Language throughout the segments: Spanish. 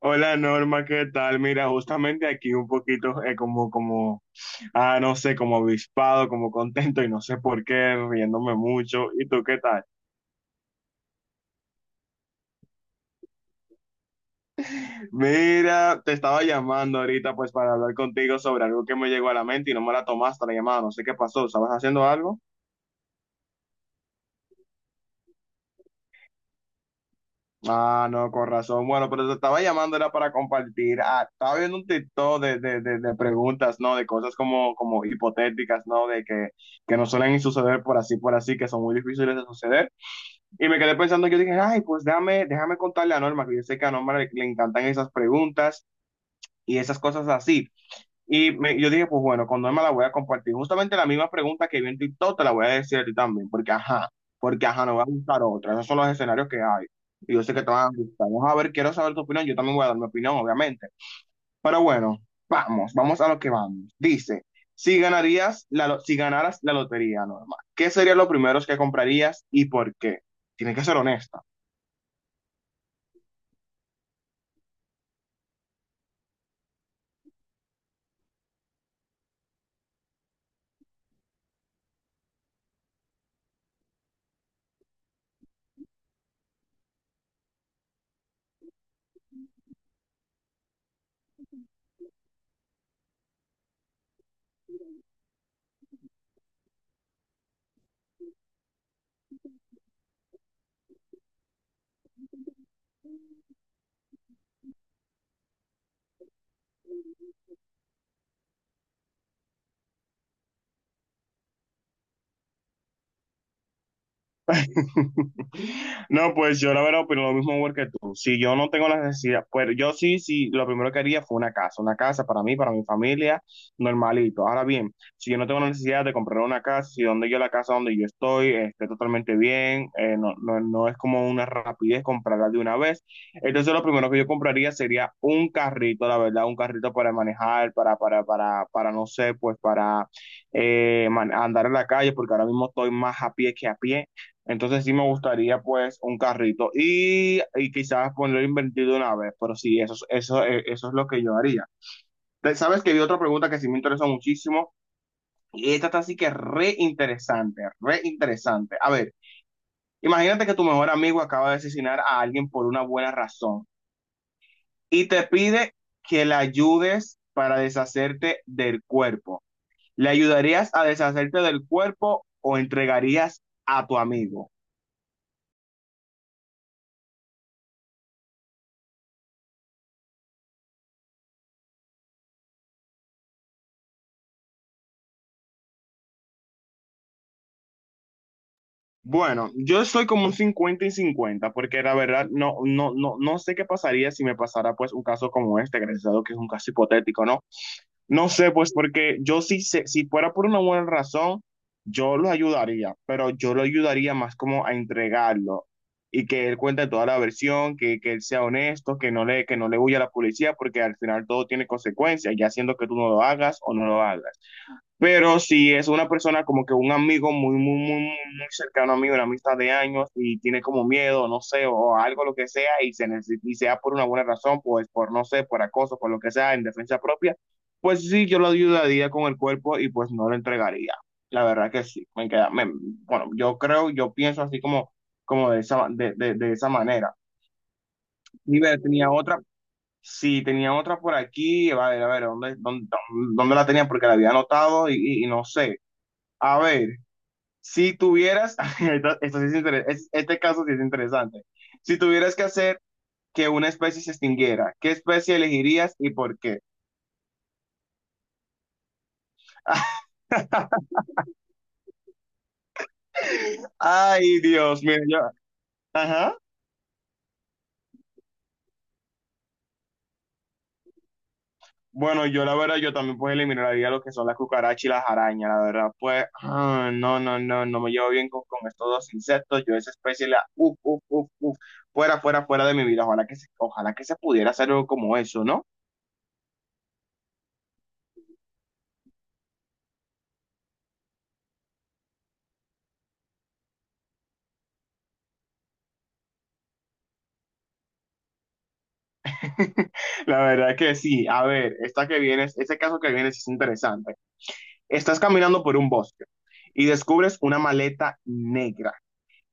Hola Norma, ¿qué tal? Mira, justamente aquí un poquito como, no sé, como avispado, como contento y no sé por qué, riéndome mucho. ¿Y tú qué tal? Mira, te estaba llamando ahorita pues para hablar contigo sobre algo que me llegó a la mente y no me la tomaste la llamada, no sé qué pasó, ¿estabas haciendo algo? Ah, no, con razón. Bueno, pero te estaba llamando era para compartir. Ah, estaba viendo un TikTok de preguntas, ¿no? De cosas como hipotéticas, ¿no? De que no suelen suceder por así, que son muy difíciles de suceder. Y me quedé pensando, yo dije, ay, pues déjame contarle a Norma, que yo sé que a Norma le encantan esas preguntas y esas cosas así. Y yo dije, pues bueno, con Norma la voy a compartir. Justamente la misma pregunta que vi en TikTok te la voy a decir a ti también, porque ajá, no va a gustar otra. Esos son los escenarios que hay. Y yo sé que te van a gustar. Vamos a ver, quiero saber tu opinión. Yo también voy a dar mi opinión, obviamente. Pero bueno, vamos, vamos a lo que vamos. Dice, si ganaras la lotería, Norma, ¿qué serían los primeros que comprarías y por qué? Tienes que ser honesta. No, pues yo la verdad opino lo mismo igual que tú. Si yo no tengo la necesidad, pues yo sí, sí, lo primero que haría fue una casa para mí, para mi familia, normalito. Ahora bien, si yo no tengo la necesidad de comprar una casa, si donde yo la casa donde yo estoy esté totalmente bien, no, no, no es como una rapidez comprarla de una vez. Entonces lo primero que yo compraría sería un carrito, la verdad, un carrito para manejar, para, no sé, pues para andar en la calle, porque ahora mismo estoy más a pie que a pie. Entonces sí me gustaría pues un carrito y quizás ponerlo invertido de una vez, pero sí, eso es lo que yo haría. Sabes que vi otra pregunta que sí me interesó muchísimo y esta está así que re interesante, re interesante. A ver, imagínate que tu mejor amigo acaba de asesinar a alguien por una buena razón y te pide que le ayudes para deshacerte del cuerpo. ¿Le ayudarías a deshacerte del cuerpo o entregarías a tu amigo? Bueno, yo soy como un 50/50 porque la verdad no, no, no, no sé qué pasaría si me pasara pues un caso como este, gracias a Dios que es un caso hipotético, ¿no? No sé, pues porque yo sí sé, si fuera por una buena razón, yo lo ayudaría, pero yo lo ayudaría más como a entregarlo y que él cuente toda la versión, que él sea honesto, que no le huya a la policía, porque al final todo tiene consecuencias, ya siendo que tú no lo hagas o no lo hagas. Pero si es una persona como que un amigo muy, muy, muy, muy muy cercano a mí, una amistad de años y tiene como miedo, no sé, o algo, lo que sea, y sea por una buena razón, pues por, no sé, por acoso, por lo que sea, en defensa propia, pues sí, yo lo ayudaría con el cuerpo y pues no lo entregaría. La verdad que sí, bueno, yo creo, yo pienso así como de esa manera. Y ver, tenía otra, sí, tenía otra por aquí, a ver, ¿dónde la tenía? Porque la había anotado y no sé. A ver, si tuvieras, esto- esto sí es inter- es- este caso sí es interesante, si tuvieras que hacer que una especie se extinguiera, ¿qué especie elegirías y por qué? Ay, Dios, mira, yo, ajá. Bueno, yo la verdad, yo también pues eliminaría lo que son las cucarachas y las arañas, la verdad, pues, no, no, no, no me llevo bien con estos dos insectos, yo esa especie la, uf, uf, uf, uf, fuera, fuera, fuera de mi vida, ojalá que se pudiera hacer algo como eso, ¿no? La verdad que sí. A ver, esta que viene, este caso que viene sí es interesante. Estás caminando por un bosque y descubres una maleta negra.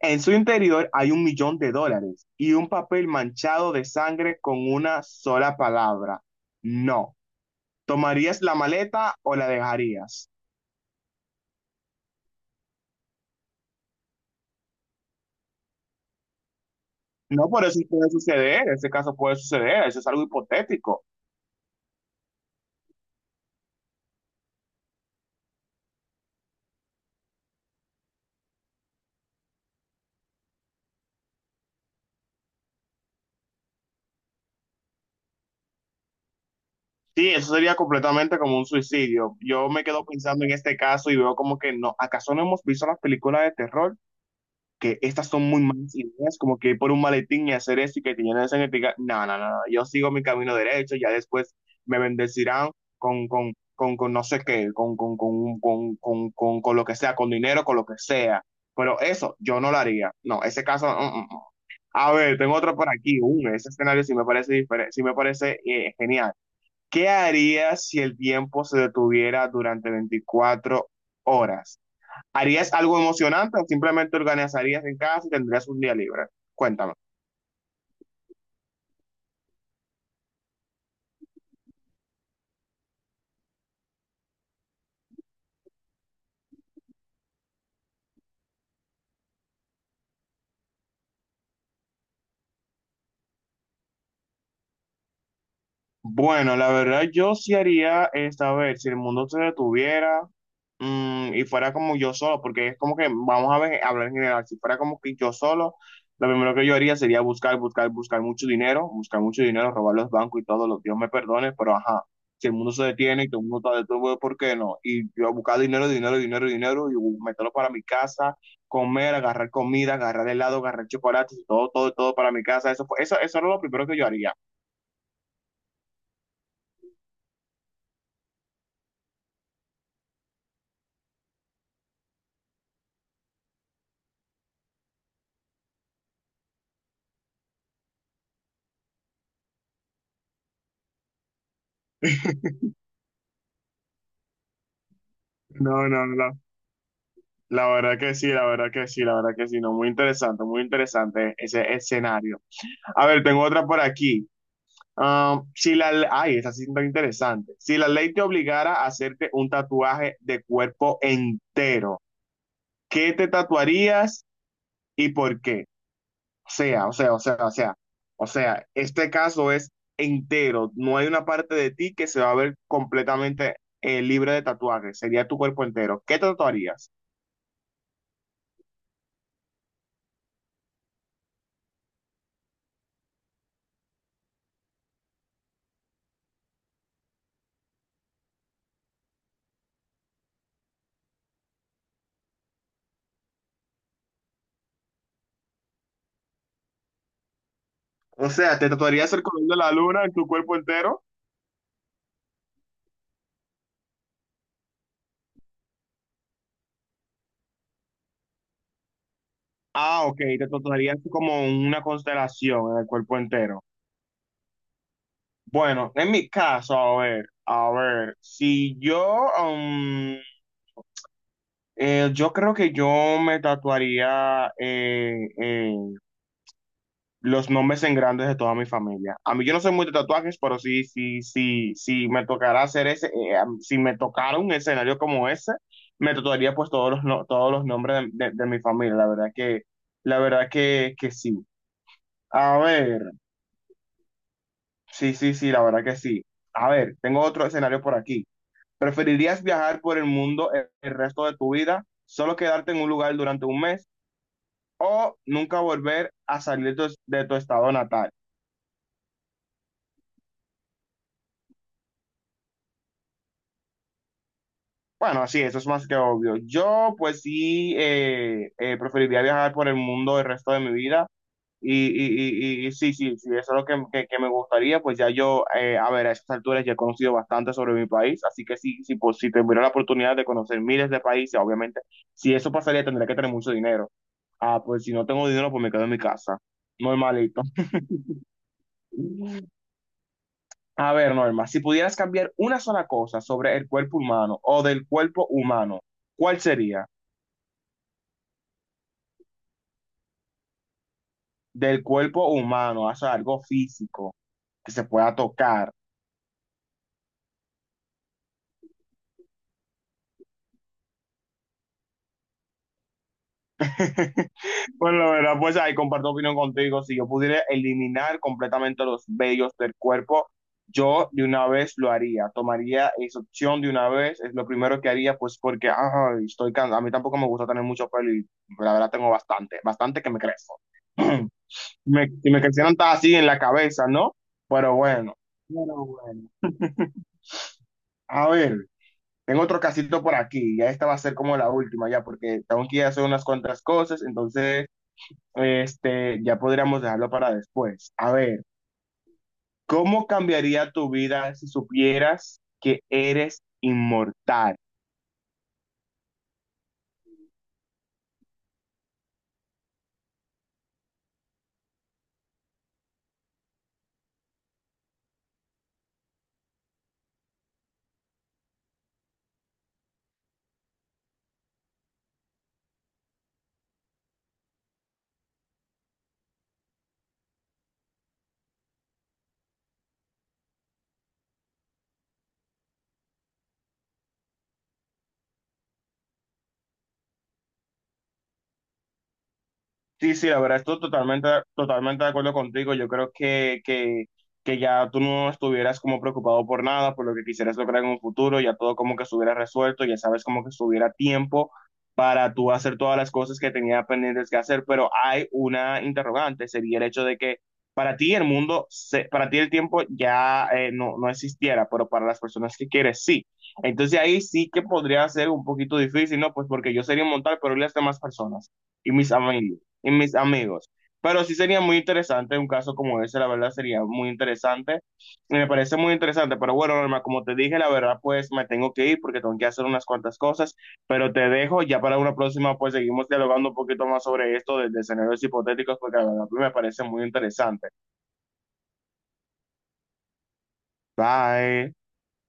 En su interior hay 1 millón de dólares y un papel manchado de sangre con una sola palabra. No. ¿Tomarías la maleta o la dejarías? No, por eso puede suceder. Ese caso puede suceder. Eso es algo hipotético. Sí, eso sería completamente como un suicidio. Yo me quedo pensando en este caso y veo como que no, ¿acaso no hemos visto las películas de terror? Que estas son muy malas ideas, como que ir por un maletín y hacer eso y que te llenen de sangre. Y te diga, no, no, no, no, yo sigo mi camino derecho, ya después me bendecirán con no sé qué, con lo que sea, con dinero, con lo que sea. Pero eso yo no lo haría. No, ese caso, mm, mm, mm. A ver, tengo otro por aquí. Ese escenario sí me parece diferente, sí me parece genial. ¿Qué harías si el tiempo se detuviera durante 24 horas? ¿Harías algo emocionante o simplemente organizarías en casa y tendrías un día libre? Cuéntame. Bueno, la verdad yo sí haría es, a ver, si el mundo se detuviera y fuera como yo solo, porque es como que, vamos a ver, hablar en general, si fuera como que yo solo, lo primero que yo haría sería buscar, buscar, buscar mucho dinero, robar los bancos y todo, los Dios me perdone, pero ajá, si el mundo se detiene y todo el mundo está detuvo, ¿por qué no? Y yo buscar dinero, dinero, dinero, dinero y meterlo para mi casa, comer, agarrar comida, agarrar helado, agarrar chocolates, todo, todo, todo para mi casa, eso era lo primero que yo haría. No, no, no. La verdad que sí, la verdad que sí, la verdad que sí. No, muy interesante ese escenario. A ver, tengo otra por aquí. Ah, si la, le- ay, esa sí está interesante. Si la ley te obligara a hacerte un tatuaje de cuerpo entero, ¿qué te tatuarías y por qué? O sea, o sea, o sea, o sea, o sea, este caso es entero, no hay una parte de ti que se va a ver completamente libre de tatuajes, sería tu cuerpo entero. ¿Qué te tatuarías? O sea, ¿te tatuarías el color de la luna en tu cuerpo entero? Ah, ok, te tatuarías como una constelación en el cuerpo entero. Bueno, en mi caso, a ver, si yo, yo creo que yo me tatuaría eh, los nombres en grandes de toda mi familia. A mí yo no soy muy de tatuajes, pero sí, sí, sí, sí me tocará hacer ese, si me tocara un escenario como ese, me tatuaría pues todos los, no- todos los nombres de mi familia. La verdad que, sí. A ver, sí, sí, sí, la verdad que sí. A ver, tengo otro escenario por aquí. ¿Preferirías viajar por el mundo el resto de tu vida, solo quedarte en un lugar durante un mes o nunca volver a salir de tu estado natal? Bueno, así, eso es más que obvio. Yo, pues sí, preferiría viajar por el mundo el resto de mi vida. Y sí, sí, sí, eso es lo que me gustaría. Pues ya yo, a ver, a estas alturas ya he conocido bastante sobre mi país. Así que sí, sí, pues, si tuviera la oportunidad de conocer miles de países, obviamente, si eso pasaría, tendría que tener mucho dinero. Ah, pues si no tengo dinero, pues me quedo en mi casa. Normalito. A ver, Norma, si pudieras cambiar una sola cosa sobre el cuerpo humano o del cuerpo humano, ¿cuál sería? Del cuerpo humano, o sea, algo físico que se pueda tocar. Bueno, la verdad, pues ahí comparto opinión contigo. Si yo pudiera eliminar completamente los vellos del cuerpo, yo de una vez lo haría. Tomaría esa opción de una vez. Es lo primero que haría, pues porque ay, estoy cansado. A mí tampoco me gusta tener mucho pelo y la verdad tengo bastante, bastante que me crezco. Y me crecieron hasta así en la cabeza, ¿no? Pero bueno. Pero bueno. A ver. Tengo otro casito por aquí, ya esta va a ser como la última ya, porque tengo que ir a hacer unas cuantas cosas, entonces este, ya podríamos dejarlo para después. A ver, ¿cómo cambiaría tu vida si supieras que eres inmortal? Sí, sí, la verdad, estoy totalmente, totalmente de acuerdo contigo. Yo creo que ya tú no estuvieras como preocupado por nada, por lo que quisieras lograr en un futuro, ya todo como que estuviera resuelto, ya sabes como que estuviera tiempo para tú hacer todas las cosas que tenía pendientes que hacer, pero hay una interrogante, sería el hecho de que para ti el tiempo ya no existiera, pero para las personas que quieres sí. Entonces ahí sí que podría ser un poquito difícil, ¿no? Pues porque yo sería inmortal, pero y las demás personas y mis amigos. Pero sí sería muy interesante un caso como ese, la verdad sería muy interesante. Y me parece muy interesante, pero bueno, Norma, como te dije, la verdad pues me tengo que ir porque tengo que hacer unas cuantas cosas, pero te dejo, ya para una próxima pues seguimos dialogando un poquito más sobre esto de escenarios hipotéticos porque la verdad pues, me parece muy interesante. Bye.